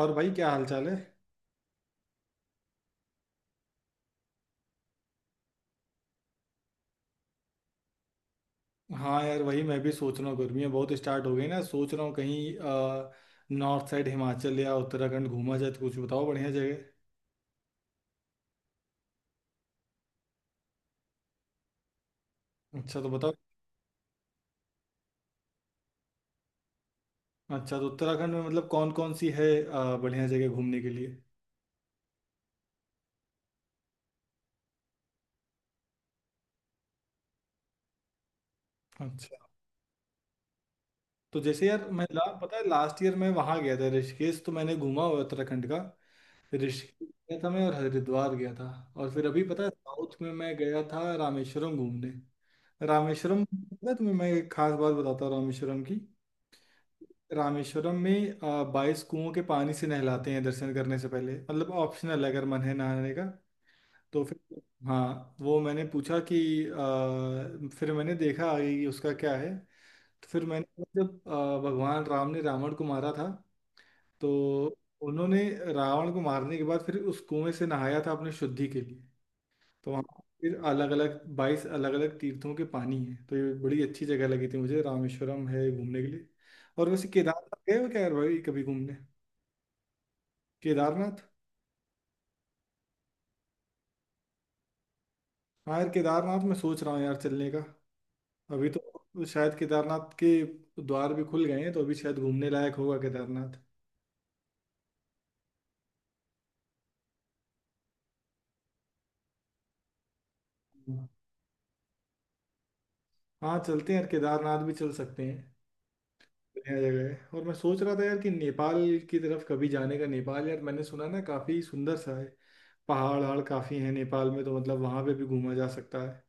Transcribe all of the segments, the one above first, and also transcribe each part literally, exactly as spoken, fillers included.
और भाई क्या हाल चाल है। हाँ यार, वही मैं भी सोच रहा हूँ। गर्मियाँ बहुत स्टार्ट हो गई ना, सोच रहा हूँ कहीं नॉर्थ साइड हिमाचल या उत्तराखंड घूमा जाए, तो कुछ बताओ बढ़िया जगह। अच्छा, तो बताओ। अच्छा, तो उत्तराखंड में मतलब कौन कौन सी है अ, बढ़िया जगह घूमने के लिए? अच्छा, तो जैसे यार मैं ला, पता है लास्ट ईयर मैं वहाँ गया था ऋषिकेश, तो मैंने घूमा हुआ है उत्तराखंड का। ऋषिकेश गया था मैं और हरिद्वार गया था। और फिर अभी पता है साउथ में मैं गया था रामेश्वरम घूमने। रामेश्वरम, पता है तुम्हें, मैं एक खास बात बताता हूँ रामेश्वरम की। रामेश्वरम में आ, बाईस कुओं के पानी से नहलाते हैं दर्शन करने से पहले। मतलब ऑप्शनल है, अगर मन है नहाने का तो फिर। हाँ, वो मैंने पूछा कि आ, फिर मैंने देखा आगे कि उसका क्या है। तो फिर मैंने, जब आ, भगवान राम ने रावण को मारा था, तो उन्होंने रावण को मारने के बाद फिर उस कुएं से नहाया था अपने शुद्धि के लिए। तो वहाँ फिर अलग अलग बाईस अलग अलग तीर्थों के पानी है, तो ये बड़ी अच्छी जगह लगी थी मुझे, रामेश्वरम है घूमने के लिए। और वैसे केदारनाथ गए हो क्या यार भाई, कभी घूमने? केदारनाथ। हाँ यार, केदारनाथ मैं सोच रहा हूँ यार चलने का। अभी तो शायद केदारनाथ के द्वार भी खुल गए हैं, तो अभी शायद घूमने लायक होगा केदारनाथ। हाँ, चलते हैं यार, केदारनाथ भी चल सकते हैं। बढ़िया जगह है। और मैं सोच रहा था यार कि नेपाल की तरफ कभी जाने का। नेपाल यार मैंने सुना ना, काफी सुंदर सा है, पहाड़ वहाड़ काफ़ी हैं नेपाल में, तो मतलब वहाँ पे भी घूमा जा सकता है।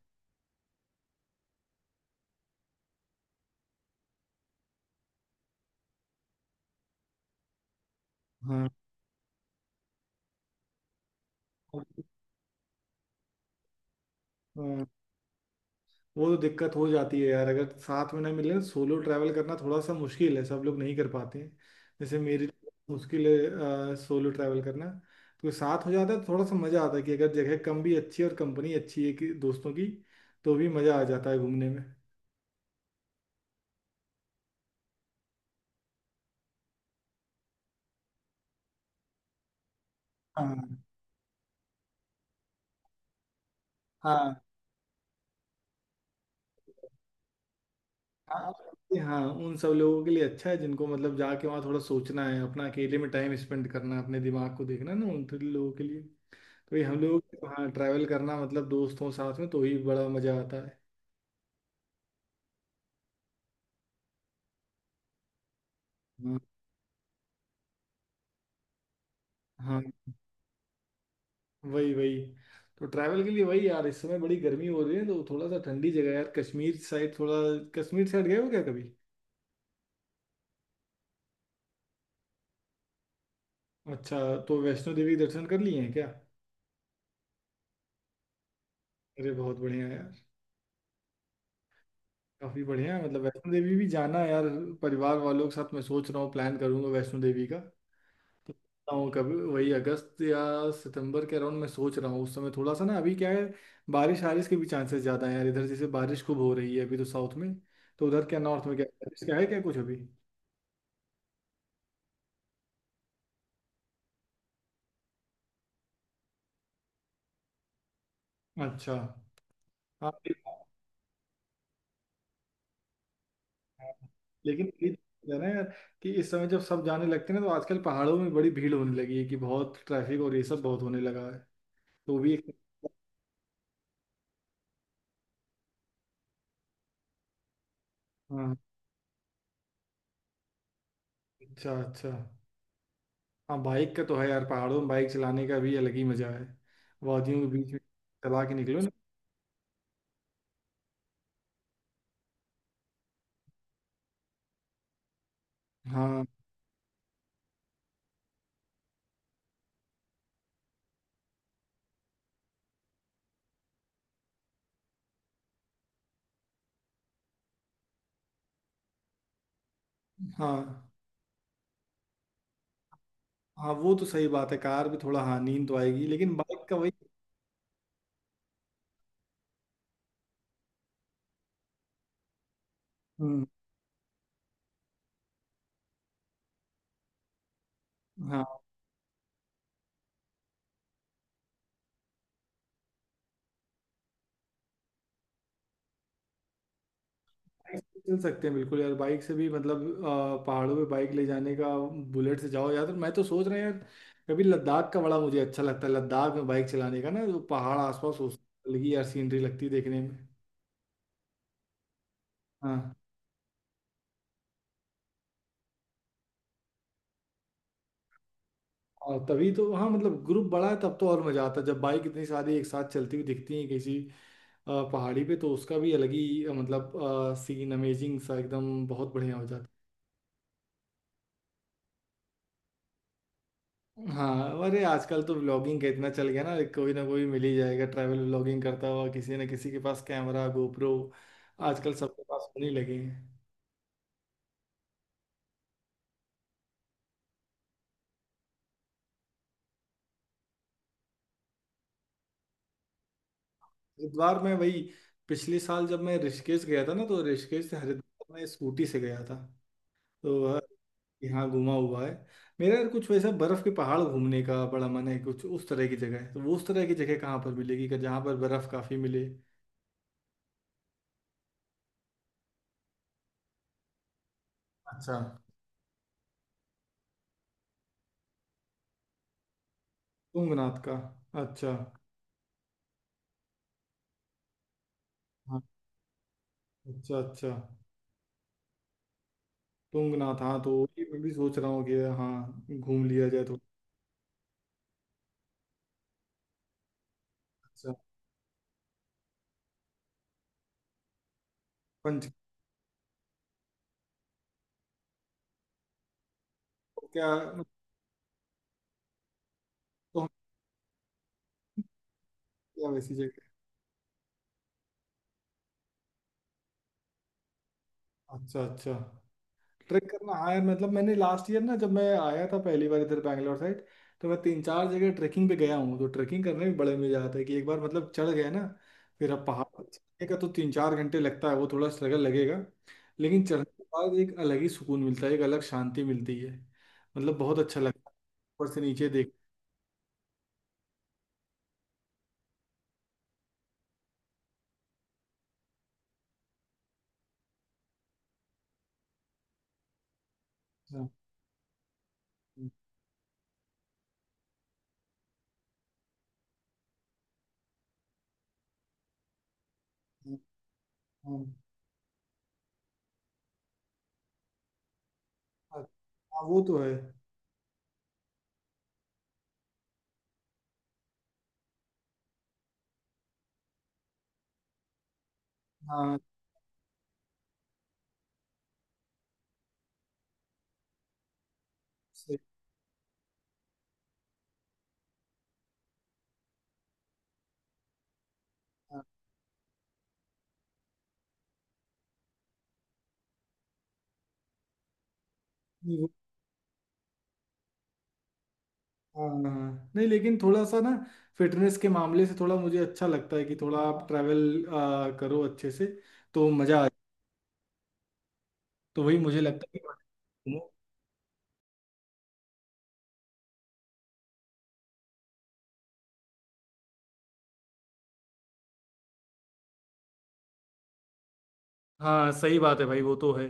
हाँ। हाँ, वो तो दिक्कत हो जाती है यार, अगर साथ में ना मिले तो। सोलो ट्रैवल करना थोड़ा सा मुश्किल है, सब लोग नहीं कर पाते हैं। जैसे मेरे लिए मुश्किल है सोलो ट्रैवल करना। तो साथ हो जाता है तो थोड़ा सा मज़ा आता है कि अगर जगह कम भी अच्छी है और कंपनी अच्छी है कि दोस्तों की, तो भी मज़ा आ जाता है घूमने में। हाँ। हाँ। हाँ, ये हाँ उन सब लोगों के लिए अच्छा है जिनको मतलब जाके वहाँ थोड़ा सोचना है, अपना अकेले में टाइम स्पेंड करना है, अपने दिमाग को देखना है ना, उन थोड़े लोगों के लिए। तो ये हम लोग। हाँ, ट्रैवल करना मतलब दोस्तों साथ में तो ही बड़ा मजा आता है। हाँ। हाँ। वही वही। तो ट्रैवल के लिए वही यार, इस समय बड़ी गर्मी हो रही है, तो थोड़ा सा ठंडी जगह यार, कश्मीर साइड थोड़ा। कश्मीर साइड गए हो क्या कभी? अच्छा, तो वैष्णो देवी दर्शन कर लिए हैं क्या? अरे बहुत बढ़िया यार। काफी बढ़िया है, मतलब वैष्णो देवी भी जाना है यार, परिवार वालों के साथ। मैं सोच रहा हूँ प्लान करूंगा वैष्णो देवी का, तो सोचता हूँ कभी वही अगस्त या सितंबर के अराउंड, मैं सोच रहा हूँ उस समय। थोड़ा सा ना अभी क्या है, बारिश वारिश के भी चांसेस ज्यादा है यार, इधर जैसे बारिश खूब हो रही है अभी तो साउथ में। तो उधर क्या नॉर्थ में क्या बारिश, क्या है क्या कुछ अभी? अच्छा। हाँ, ये बात है। लेकिन ये चीज़ है ना यार, कि इस समय जब सब जाने लगते हैं ना, तो आजकल पहाड़ों में बड़ी भीड़ होने लगी है, कि बहुत ट्रैफिक और ये सब बहुत होने लगा है। तो भी एक, हाँ। अच्छा अच्छा। हाँ, बाइक का तो है यार, पहाड़ों में बाइक चलाने का भी अलग ही मजा है, वादियों के बीच में चला के निकलो ना। हाँ। हाँ। हाँ, वो तो सही बात है, कार भी थोड़ा, हाँ नींद तो आएगी, लेकिन बाइक का वही। हम्म। हाँ, बाइक से चल सकते हैं बिल्कुल यार। बाइक से भी मतलब आ, पहाड़ों पे बाइक ले जाने का, बुलेट से जाओ यार। तो मैं तो सोच रहा हूँ यार, कभी लद्दाख का, बड़ा मुझे अच्छा लगता है लद्दाख में बाइक चलाने का ना, जो पहाड़ आसपास उसकी अलग ही यार सीनरी लगती है देखने में। हाँ। और तभी तो, हाँ मतलब ग्रुप बड़ा है तब तो और मजा आता है, जब बाइक इतनी सारी एक साथ चलती हुई दिखती है किसी अ, पहाड़ी पे, तो उसका भी अलग ही, अ, मतलब सीन अमेजिंग सा एकदम, बहुत बढ़िया हो जाता है। हाँ, अरे आजकल तो व्लॉगिंग का इतना चल गया ना, कोई ना कोई मिल ही जाएगा ट्रैवल व्लॉगिंग करता हुआ, किसी न किसी के पास कैमरा गोप्रो आजकल सबके पास होने लगे हैं। हरिद्वार में वही, पिछले साल जब मैं ऋषिकेश गया था ना, तो ऋषिकेश से हरिद्वार में स्कूटी से गया था। तो अ, यहाँ घुमा हुआ है मेरा यार। कुछ वैसा बर्फ के पहाड़ घूमने का बड़ा मन है, कुछ उस तरह की जगह है तो वो उस तरह की जगह कहाँ पर मिलेगी, कि जहाँ पर बर्फ काफी मिले? अच्छा। तुंगनाथ का। अच्छा। हाँ। अच्छा अच्छा। तुंगनाथ, हाँ। तो ये मैं भी सोच रहा हूँ कि हाँ घूम लिया जाए, तो। अच्छा। पंच। क्या, तो? हम। क्या वैसी जगह? अच्छा अच्छा। ट्रिक करना आया, मतलब मैंने लास्ट ईयर ना, जब मैं आया था पहली बार इधर बैंगलोर साइड, तो मैं तीन चार जगह ट्रेकिंग पे गया हूँ। तो ट्रेकिंग करने में बड़े मजा आता है कि एक बार मतलब चढ़ गए ना, फिर अब। पहाड़ पर चढ़ने का तो तीन चार घंटे लगता है, वो थोड़ा स्ट्रगल लगेगा, लेकिन चढ़ने के बाद एक अलग ही सुकून मिलता है, एक अलग शांति मिलती है। मतलब बहुत अच्छा लगता है ऊपर से नीचे देख। हाँ, हाँ, हाँ, हाँ, वो तो है। हाँ सही, हाँ, हाँ, नहीं, लेकिन थोड़ा सा ना, फिटनेस के मामले से थोड़ा मुझे अच्छा लगता है, कि थोड़ा आप ट्रैवल करो अच्छे से, तो मजा आए। तो वही मुझे लगता है कि। हाँ सही बात है भाई, वो तो है।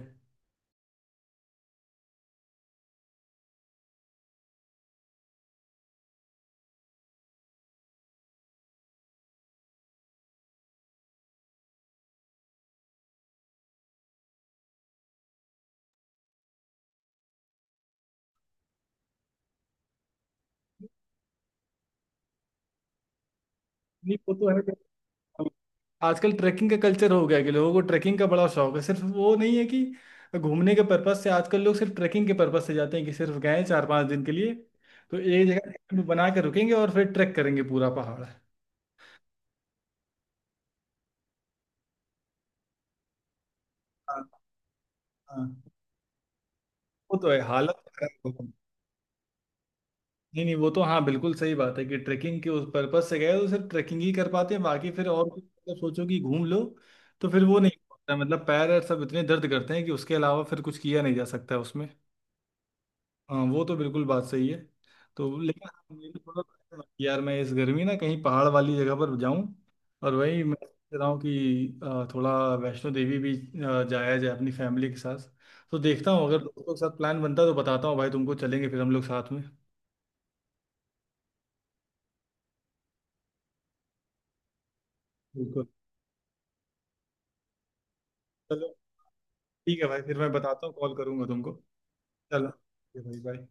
नहीं वो तो है। आजकल ट्रैकिंग का कल्चर हो गया है, कि लोगों को ट्रैकिंग का बड़ा शौक है, सिर्फ वो नहीं है कि घूमने के पर्पज से, आजकल लोग सिर्फ ट्रैकिंग के पर्पज से जाते हैं, कि सिर्फ गए चार पांच दिन के लिए, तो एक जगह camp बना के रुकेंगे, और फिर ट्रैक करेंगे पूरा पहाड़। हाँ। हाँ, वो तो है, हालत खराब हो। नहीं नहीं, वो तो हाँ बिल्कुल सही बात है, कि ट्रैकिंग के उस पर्पज से गए तो सिर्फ ट्रैकिंग ही कर पाते हैं, बाकी फिर और कुछ, मतलब सोचो कि घूम लो, तो फिर वो नहीं होता है। मतलब पैर और सब इतने दर्द करते हैं कि उसके अलावा फिर कुछ किया नहीं जा सकता है उसमें। हाँ, वो तो बिल्कुल बात सही है। तो लेकिन हाँ, मेरे को थोड़ा यार, मैं इस गर्मी ना कहीं पहाड़ वाली जगह पर जाऊं। और वही मैं सोच रहा हूँ कि अ, थोड़ा वैष्णो देवी भी अ, जाया जाए अपनी फैमिली के साथ। तो देखता हूँ अगर दोस्तों के साथ प्लान बनता है तो बताता हूँ भाई तुमको, चलेंगे फिर हम लोग साथ में। बिल्कुल। ठीक है भाई, फिर मैं बताता हूँ, कॉल करूंगा तुमको। चलो ठीक है भाई, बाय।